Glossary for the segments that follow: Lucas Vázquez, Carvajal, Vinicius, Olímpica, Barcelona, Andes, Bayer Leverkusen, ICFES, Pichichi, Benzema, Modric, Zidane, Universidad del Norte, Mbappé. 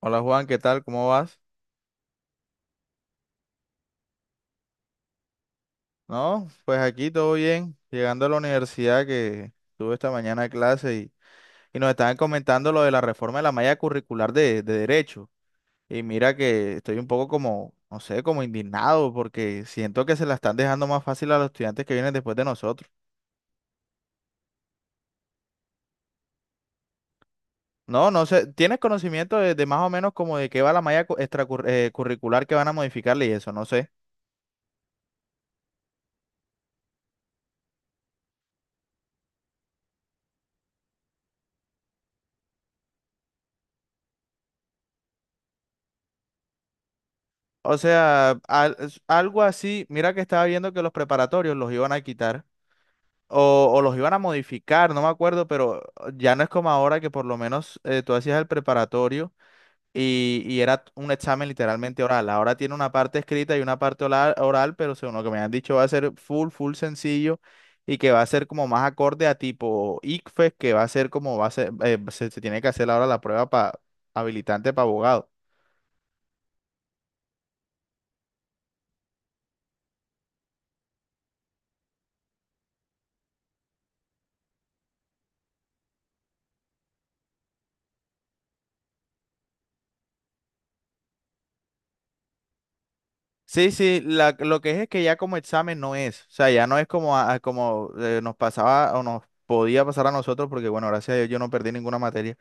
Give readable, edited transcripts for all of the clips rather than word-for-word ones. Hola Juan, ¿qué tal? ¿Cómo vas? No, pues aquí todo bien, llegando a la universidad que tuve esta mañana clase y nos estaban comentando lo de la reforma de la malla curricular de derecho. Y mira que estoy un poco como, no sé, como indignado porque siento que se la están dejando más fácil a los estudiantes que vienen después de nosotros. No, no sé, ¿tienes conocimiento de más o menos como de qué va la malla curricular que van a modificarle y eso? No sé. O sea, algo así, mira que estaba viendo que los preparatorios los iban a quitar. O los iban a modificar, no me acuerdo, pero ya no es como ahora que por lo menos tú hacías el preparatorio y era un examen literalmente oral. Ahora tiene una parte escrita y una parte oral, pero según lo que me han dicho va a ser full sencillo y que va a ser como más acorde a tipo ICFES, que va a ser como va a ser, se tiene que hacer ahora la prueba habilitante para abogado. Sí, sí, lo que es que ya como examen no es, o sea, ya no es como, nos pasaba o nos podía pasar a nosotros, porque bueno, gracias a Dios yo no perdí ninguna materia,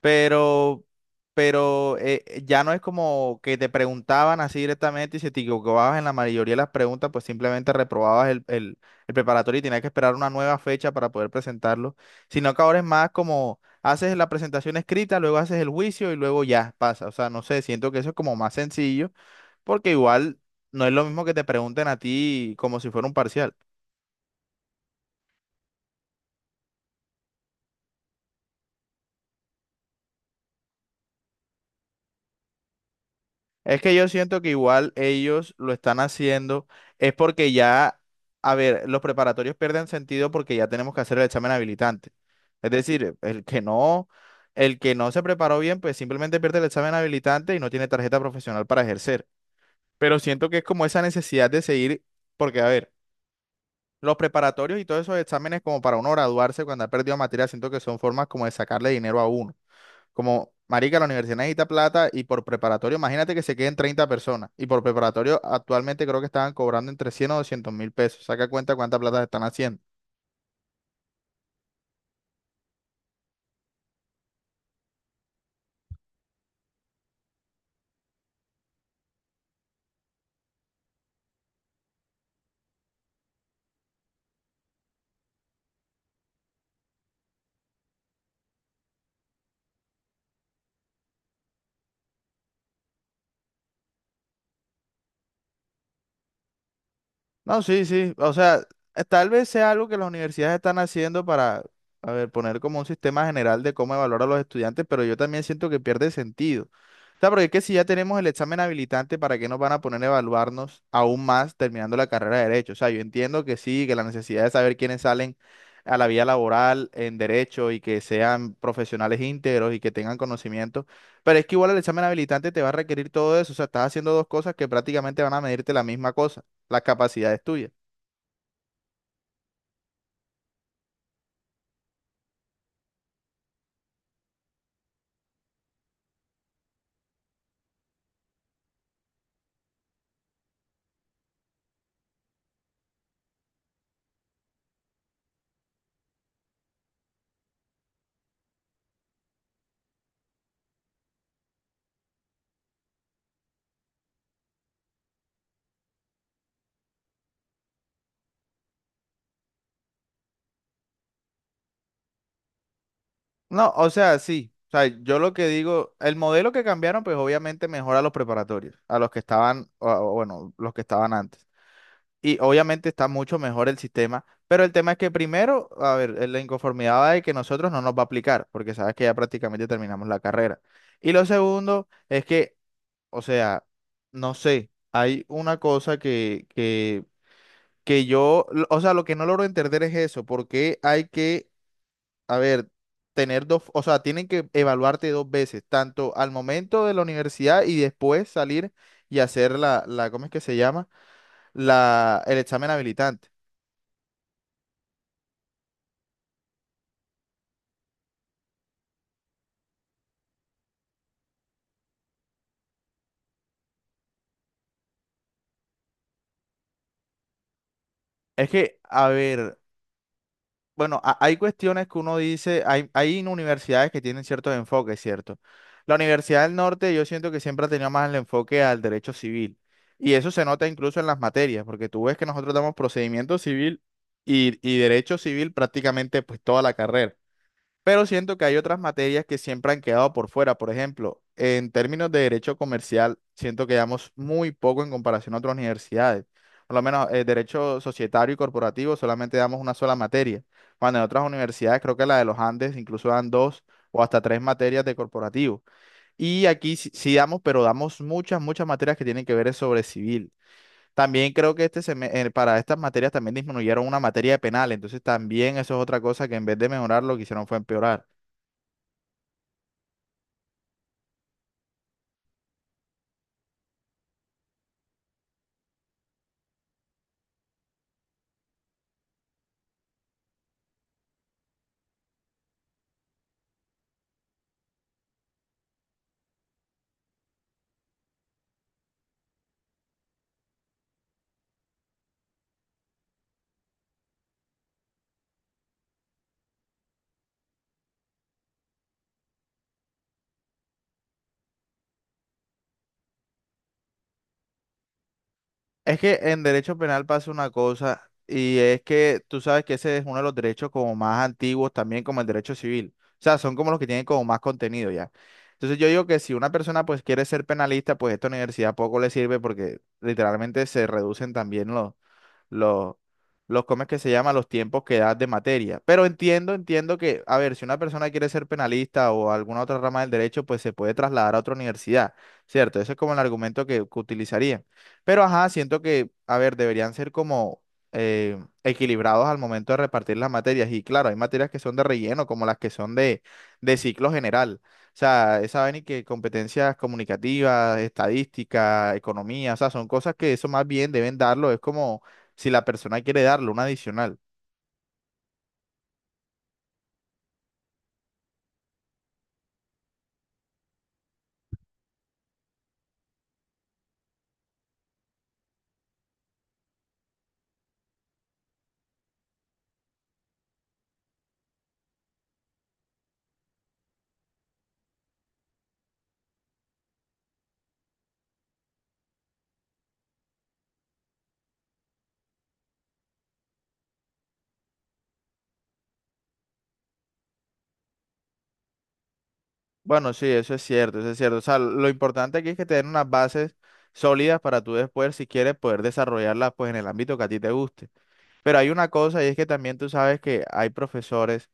pero, ya no es como que te preguntaban así directamente y si te equivocabas en la mayoría de las preguntas, pues simplemente reprobabas el preparatorio y tenías que esperar una nueva fecha para poder presentarlo, sino que ahora es más como haces la presentación escrita, luego haces el juicio y luego ya pasa, o sea, no sé, siento que eso es como más sencillo. Porque igual no es lo mismo que te pregunten a ti como si fuera un parcial. Es que yo siento que igual ellos lo están haciendo, es porque ya, a ver, los preparatorios pierden sentido porque ya tenemos que hacer el examen habilitante. Es decir, el que no se preparó bien, pues simplemente pierde el examen habilitante y no tiene tarjeta profesional para ejercer. Pero siento que es como esa necesidad de seguir, porque a ver, los preparatorios y todos esos exámenes como para uno graduarse cuando ha perdido materia, siento que son formas como de sacarle dinero a uno. Como, marica, la universidad necesita plata y por preparatorio, imagínate que se queden 30 personas. Y por preparatorio, actualmente creo que estaban cobrando entre 100 o 200.000 pesos. Saca cuenta cuánta plata están haciendo. No, sí, sí. O sea, tal vez sea algo que las universidades están haciendo para, a ver, poner como un sistema general de cómo evaluar a los estudiantes, pero yo también siento que pierde sentido. Sea, porque es que si ya tenemos el examen habilitante, ¿para qué nos van a poner a evaluarnos aún más terminando la carrera de Derecho? O sea, yo entiendo que sí, que la necesidad de saber quiénes salen a la vía laboral en Derecho y que sean profesionales íntegros y que tengan conocimiento, pero es que igual el examen habilitante te va a requerir todo eso. O sea, estás haciendo dos cosas que prácticamente van a medirte la misma cosa, las capacidades tuyas. No, o sea, sí. O sea, yo lo que digo, el modelo que cambiaron, pues obviamente mejora a los preparatorios, a los que estaban, o bueno, los que estaban antes. Y obviamente está mucho mejor el sistema, pero el tema es que primero, a ver, la inconformidad va de que nosotros no nos va a aplicar, porque sabes que ya prácticamente terminamos la carrera. Y lo segundo es que, o sea, no sé, hay una cosa que yo, o sea, lo que no logro entender es eso, porque hay que, a ver, tener dos, o sea, tienen que evaluarte dos veces, tanto al momento de la universidad y después salir y hacer ¿cómo es que se llama? La, el examen habilitante. Es que, a ver, bueno, hay cuestiones que uno dice, hay universidades que tienen ciertos enfoques, ¿cierto? La Universidad del Norte yo siento que siempre ha tenido más el enfoque al derecho civil. Y eso se nota incluso en las materias, porque tú ves que nosotros damos procedimiento civil y derecho civil prácticamente pues toda la carrera. Pero siento que hay otras materias que siempre han quedado por fuera. Por ejemplo, en términos de derecho comercial, siento que llevamos muy poco en comparación a otras universidades. Por lo menos derecho societario y corporativo solamente damos una sola materia. Cuando en otras universidades, creo que la de los Andes, incluso dan dos o hasta tres materias de corporativo. Y aquí sí, sí damos, pero damos muchas materias que tienen que ver es sobre civil. También creo que para estas materias también disminuyeron una materia de penal. Entonces también eso es otra cosa que en vez de mejorar lo que hicieron fue empeorar. Es que en derecho penal pasa una cosa y es que tú sabes que ese es uno de los derechos como más antiguos también como el derecho civil. O sea, son como los que tienen como más contenido ya. Entonces yo digo que si una persona pues quiere ser penalista, pues esta universidad poco le sirve porque literalmente se reducen también los, ¿cómo es que se llama? Los tiempos que das de materia. Pero entiendo que, a ver, si una persona quiere ser penalista o alguna otra rama del derecho, pues se puede trasladar a otra universidad, ¿cierto? Ese es como el argumento que utilizarían. Pero, ajá, siento que, a ver, deberían ser como… eh, equilibrados al momento de repartir las materias y claro, hay materias que son de relleno como las que son de ciclo general, o sea, esa vaina y que competencias comunicativas, estadística, economía, o sea, son cosas que eso más bien deben darlo. Es como si la persona quiere darle una adicional. Bueno, sí, eso es cierto, eso es cierto. O sea, lo importante aquí es que te den unas bases sólidas para tú después, si quieres, poder desarrollarlas pues en el ámbito que a ti te guste. Pero hay una cosa y es que también tú sabes que hay profesores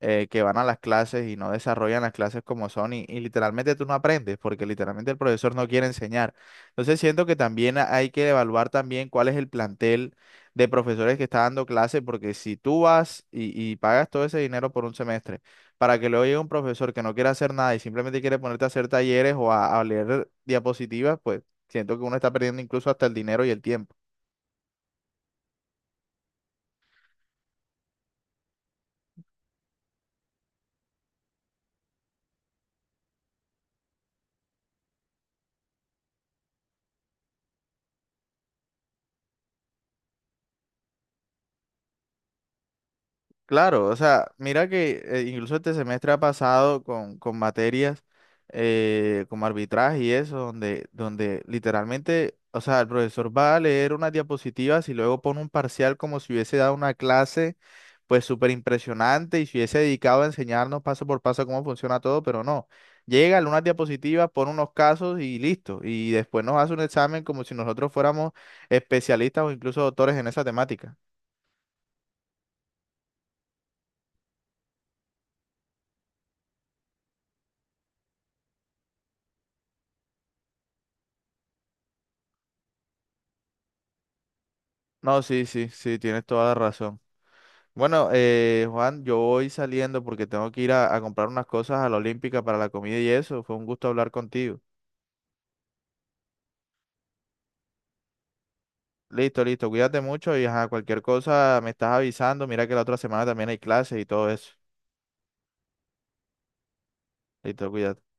que van a las clases y no desarrollan las clases como son y literalmente tú no aprendes porque literalmente el profesor no quiere enseñar. Entonces siento que también hay que evaluar también cuál es el plantel de profesores que está dando clases porque si tú vas y pagas todo ese dinero por un semestre para que luego llegue un profesor que no quiere hacer nada y simplemente quiere ponerte a hacer talleres o a leer diapositivas, pues siento que uno está perdiendo incluso hasta el dinero y el tiempo. Claro, o sea, mira que incluso este semestre ha pasado con materias como arbitraje y eso, donde literalmente, o sea, el profesor va a leer unas diapositivas y luego pone un parcial como si hubiese dado una clase, pues súper impresionante y se hubiese dedicado a enseñarnos paso por paso cómo funciona todo, pero no. Llega, lee unas diapositivas, pone unos casos y listo. Y después nos hace un examen como si nosotros fuéramos especialistas o incluso doctores en esa temática. No, sí, sí, sí, tienes toda la razón. Bueno, Juan, yo voy saliendo porque tengo que ir a comprar unas cosas a la Olímpica para la comida y eso. Fue un gusto hablar contigo. Listo, listo. Cuídate mucho y ajá, cualquier cosa me estás avisando. Mira que la otra semana también hay clases y todo eso. Listo, cuídate.